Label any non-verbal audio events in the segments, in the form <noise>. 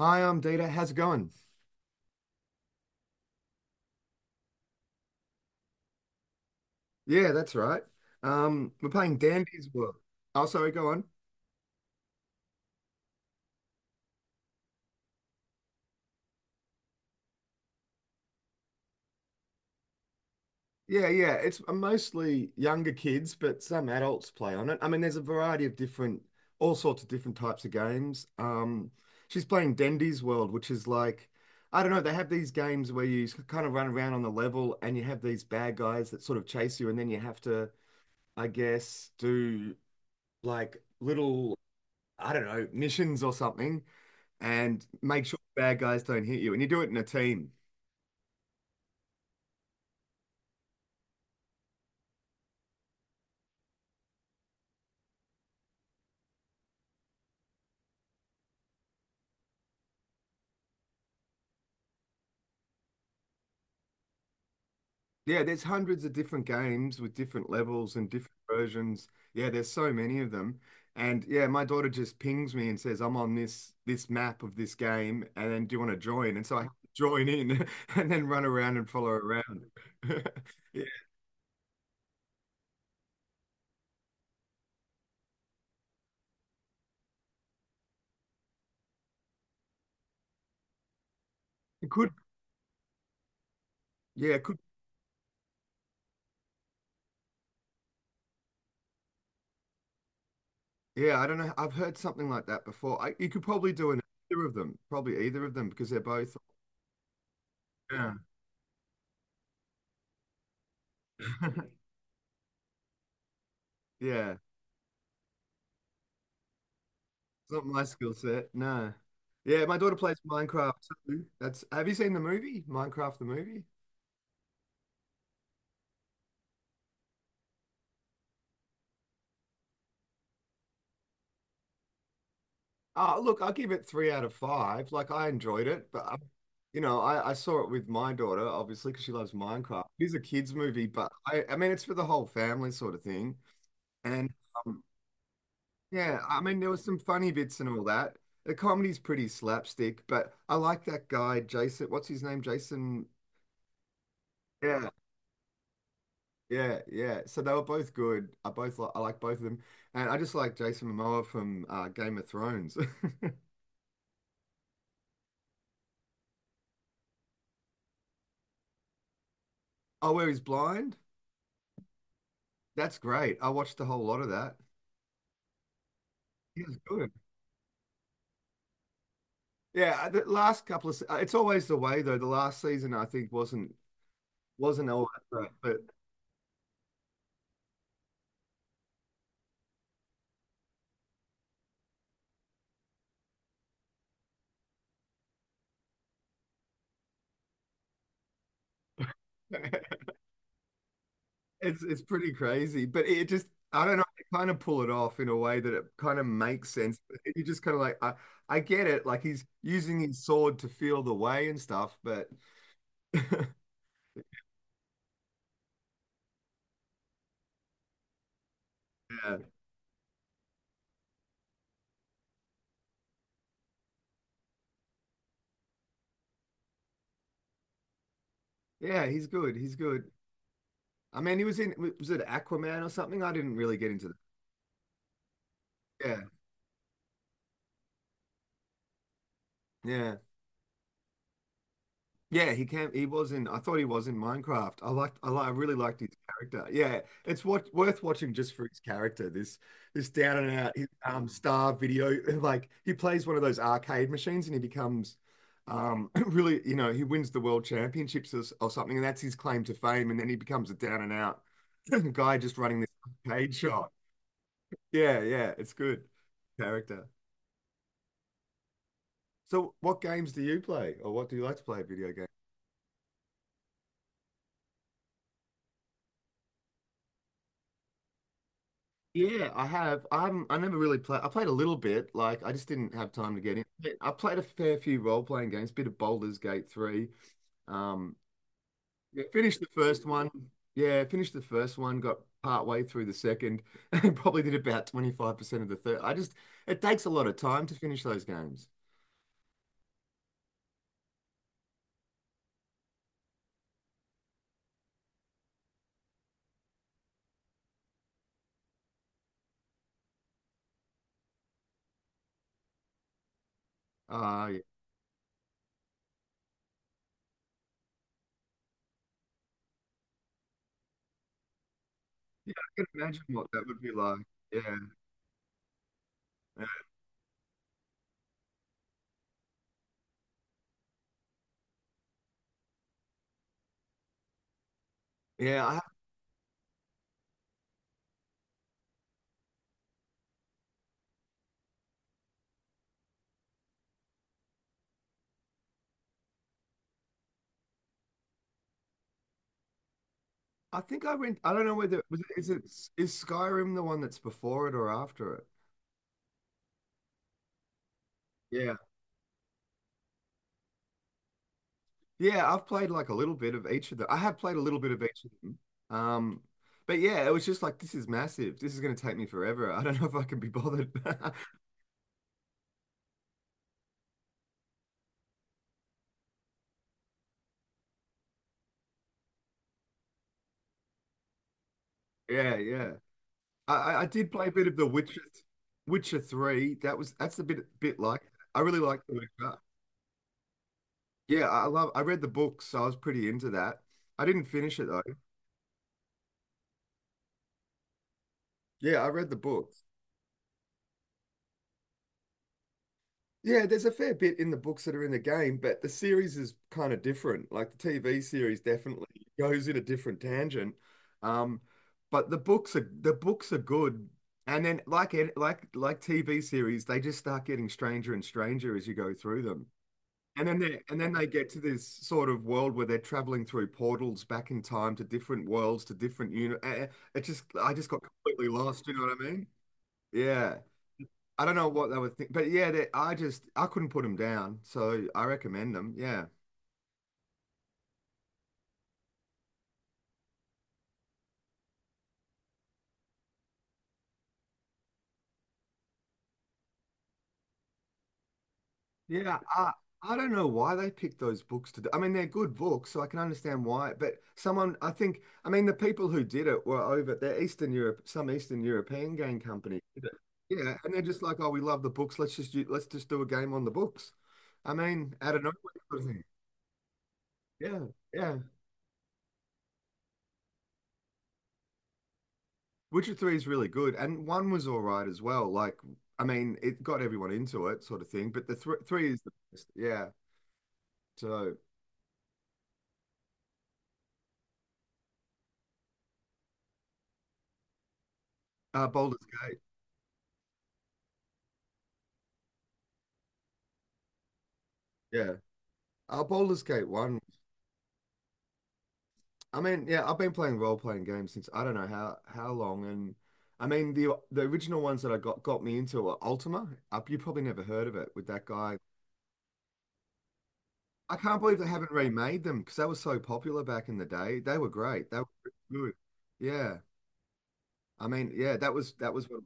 Hi, I'm Dita. How's it going? Yeah, that's right. We're playing Dandy's World. Oh, sorry, go on. Yeah, yeah. It's mostly younger kids, but some adults play on it. I mean, there's a variety of different, all sorts of different types of games. She's playing Dandy's World, which is like, I don't know, they have these games where you kind of run around on the level and you have these bad guys that sort of chase you, and then you have to, I guess, do like little, I don't know, missions or something. And make sure the bad guys don't hit you. And you do it in a team. Yeah, there's hundreds of different games with different levels and different versions. Yeah, there's so many of them. And yeah, my daughter just pings me and says, I'm on this map of this game, and then do you want to join? And so I <laughs> have to join in <laughs> and then run around and follow around. <laughs> Yeah, it could yeah, it could yeah, I don't know. I've heard something like that before. You could probably do an either of them, probably either of them because they're both yeah. <laughs> Yeah. It's not my skill set. No. Yeah, my daughter plays Minecraft too. That's have you seen the movie? Minecraft the movie? Oh, look, I give it three out of five. Like I enjoyed it, you know, I saw it with my daughter, obviously, because she loves Minecraft. It's a kids' movie, I mean, it's for the whole family sort of thing. And um, yeah, I mean, there was some funny bits and all that. The comedy's pretty slapstick, but I like that guy, Jason. What's his name? Jason. Yeah, yeah, yeah. So they were both good. I like both of them, and I just like Jason Momoa from Game of Thrones. <laughs> Oh, where he's blind? That's great. I watched a whole lot of that. He was good. Yeah, the last couple of se- it's always the way though. The last season I think wasn't all that great, but <laughs> it's pretty crazy. But it just I don't know. They kind of pull it off in a way that it kind of makes sense. You just kind of like I get it. Like he's using his sword to feel the way and stuff, but <laughs> yeah. Yeah, he's good. He's good. I mean, he was in, was it Aquaman or something? I didn't really get into that. Yeah, yeah. Yeah, he was in, I thought he was in Minecraft. I really liked his character. Yeah, it's what worth watching just for his character. This down and out, his star video, <laughs> like he plays one of those arcade machines and he becomes, <clears throat> really, you know, he wins the world championships or something, and that's his claim to fame. And then he becomes a down and out <clears throat> guy just running this arcade shop. Yeah, yeah, it's good. Character. So what games do you play or what do you like to play video games? Yeah, I have. I never really played. I played a little bit. Like I just didn't have time to get in. I played a fair few role-playing games, bit of Baldur's Gate 3. Um, yeah, finished the first one. Yeah, finished the first one, got part way through the second, <laughs> and probably did about 25% of the third. I just it takes a lot of time to finish those games. Uh, yeah, Yeah, I can imagine what that would be like. Yeah. Yeah, I think I went. I don't know whether is it is Skyrim the one that's before it or after it? Yeah, yeah. I've played like a little bit of each of them. I have played a little bit of each of them. Um, but yeah, it was just like this is massive. This is going to take me forever. I don't know if I can be bothered. <laughs> Yeah, yeah. I did play a bit of The Witcher, Witcher Three. That's a bit like I really liked The Witcher. Yeah, I love. I read the books, so I was pretty into that. I didn't finish it though. Yeah, I read the book. Yeah, there's a fair bit in the books that are in the game, but the series is kind of different. Like the TV series definitely goes in a different tangent. Um, but the books are good. And then like TV series, they just start getting stranger and stranger as you go through them. And then they get to this sort of world where they're traveling through portals back in time to different worlds, to different uni- eh, eh, it just I just got completely lost, you know what I mean? Yeah. I don't know what they were thinking, but yeah, I just I couldn't put them down, so I recommend them. Yeah, yeah. I don't know why they picked those books to do. I mean, they're good books, so I can understand why. But someone, I think, I mean, the people who did it were over. They're Eastern Europe, some Eastern European game company. Did it. Yeah, and they're just like, oh, we love the books. Let's just do a game on the books. I mean, out of nowhere, sort of thing. Yeah, yeah. Witcher 3 is really good, and 1 was all right as well. Like, I mean, it got everyone into it, sort of thing, but the th 3 is the best. Yeah. So, Baldur's Gate. Yeah. Baldur's Gate 1. I mean, yeah, I've been playing role-playing games since I don't know how long, and I mean, the original ones that I got me into were Ultima. Up, you probably never heard of it with that guy. I can't believe they haven't remade them because they were so popular back in the day. They were great. They were really good. Yeah. I mean, yeah, that was what.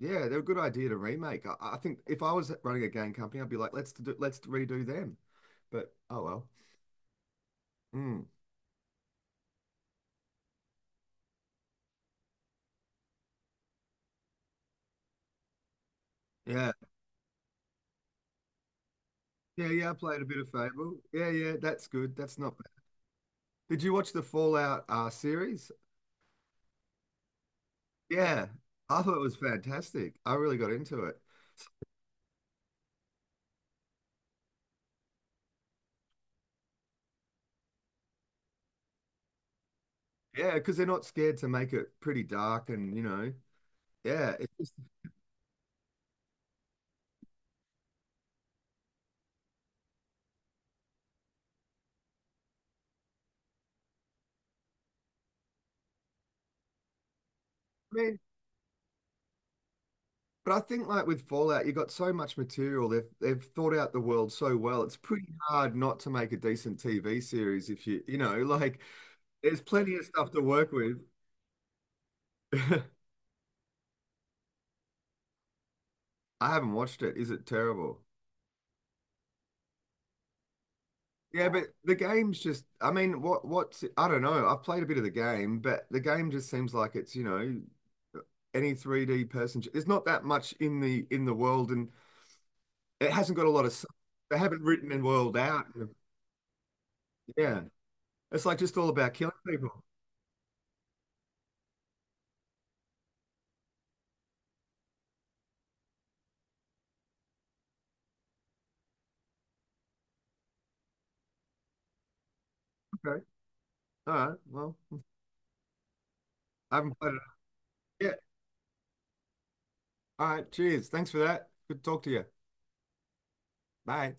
Yeah, they're a good idea to remake. I think if I was running a game company, I'd be like, let's redo them. But oh well. Mm, yeah, yeah, yeah. I played a bit of Fable. Yeah, yeah. That's good. That's not bad. Did you watch the Fallout series? Yeah, I thought it was fantastic. I really got into it. Yeah, because they're not scared to make it pretty dark and you know, yeah. It's just, I mean, but I think like with Fallout, you got so much material. They've thought out the world so well. It's pretty hard not to make a decent TV series if you you know, <laughs> like there's plenty of stuff to work with. <laughs> I haven't watched it. Is it terrible? Yeah, but the game's just I mean, what's I don't know. I've played a bit of the game, but the game just seems like it's, you know, any 3D person. There's not that much in the world and it hasn't got a lot of they haven't written the world out. Yeah. It's like just all about killing people. Okay. All right. Well, I haven't played it yet. All right. Cheers. Thanks for that. Good to talk to you. Bye.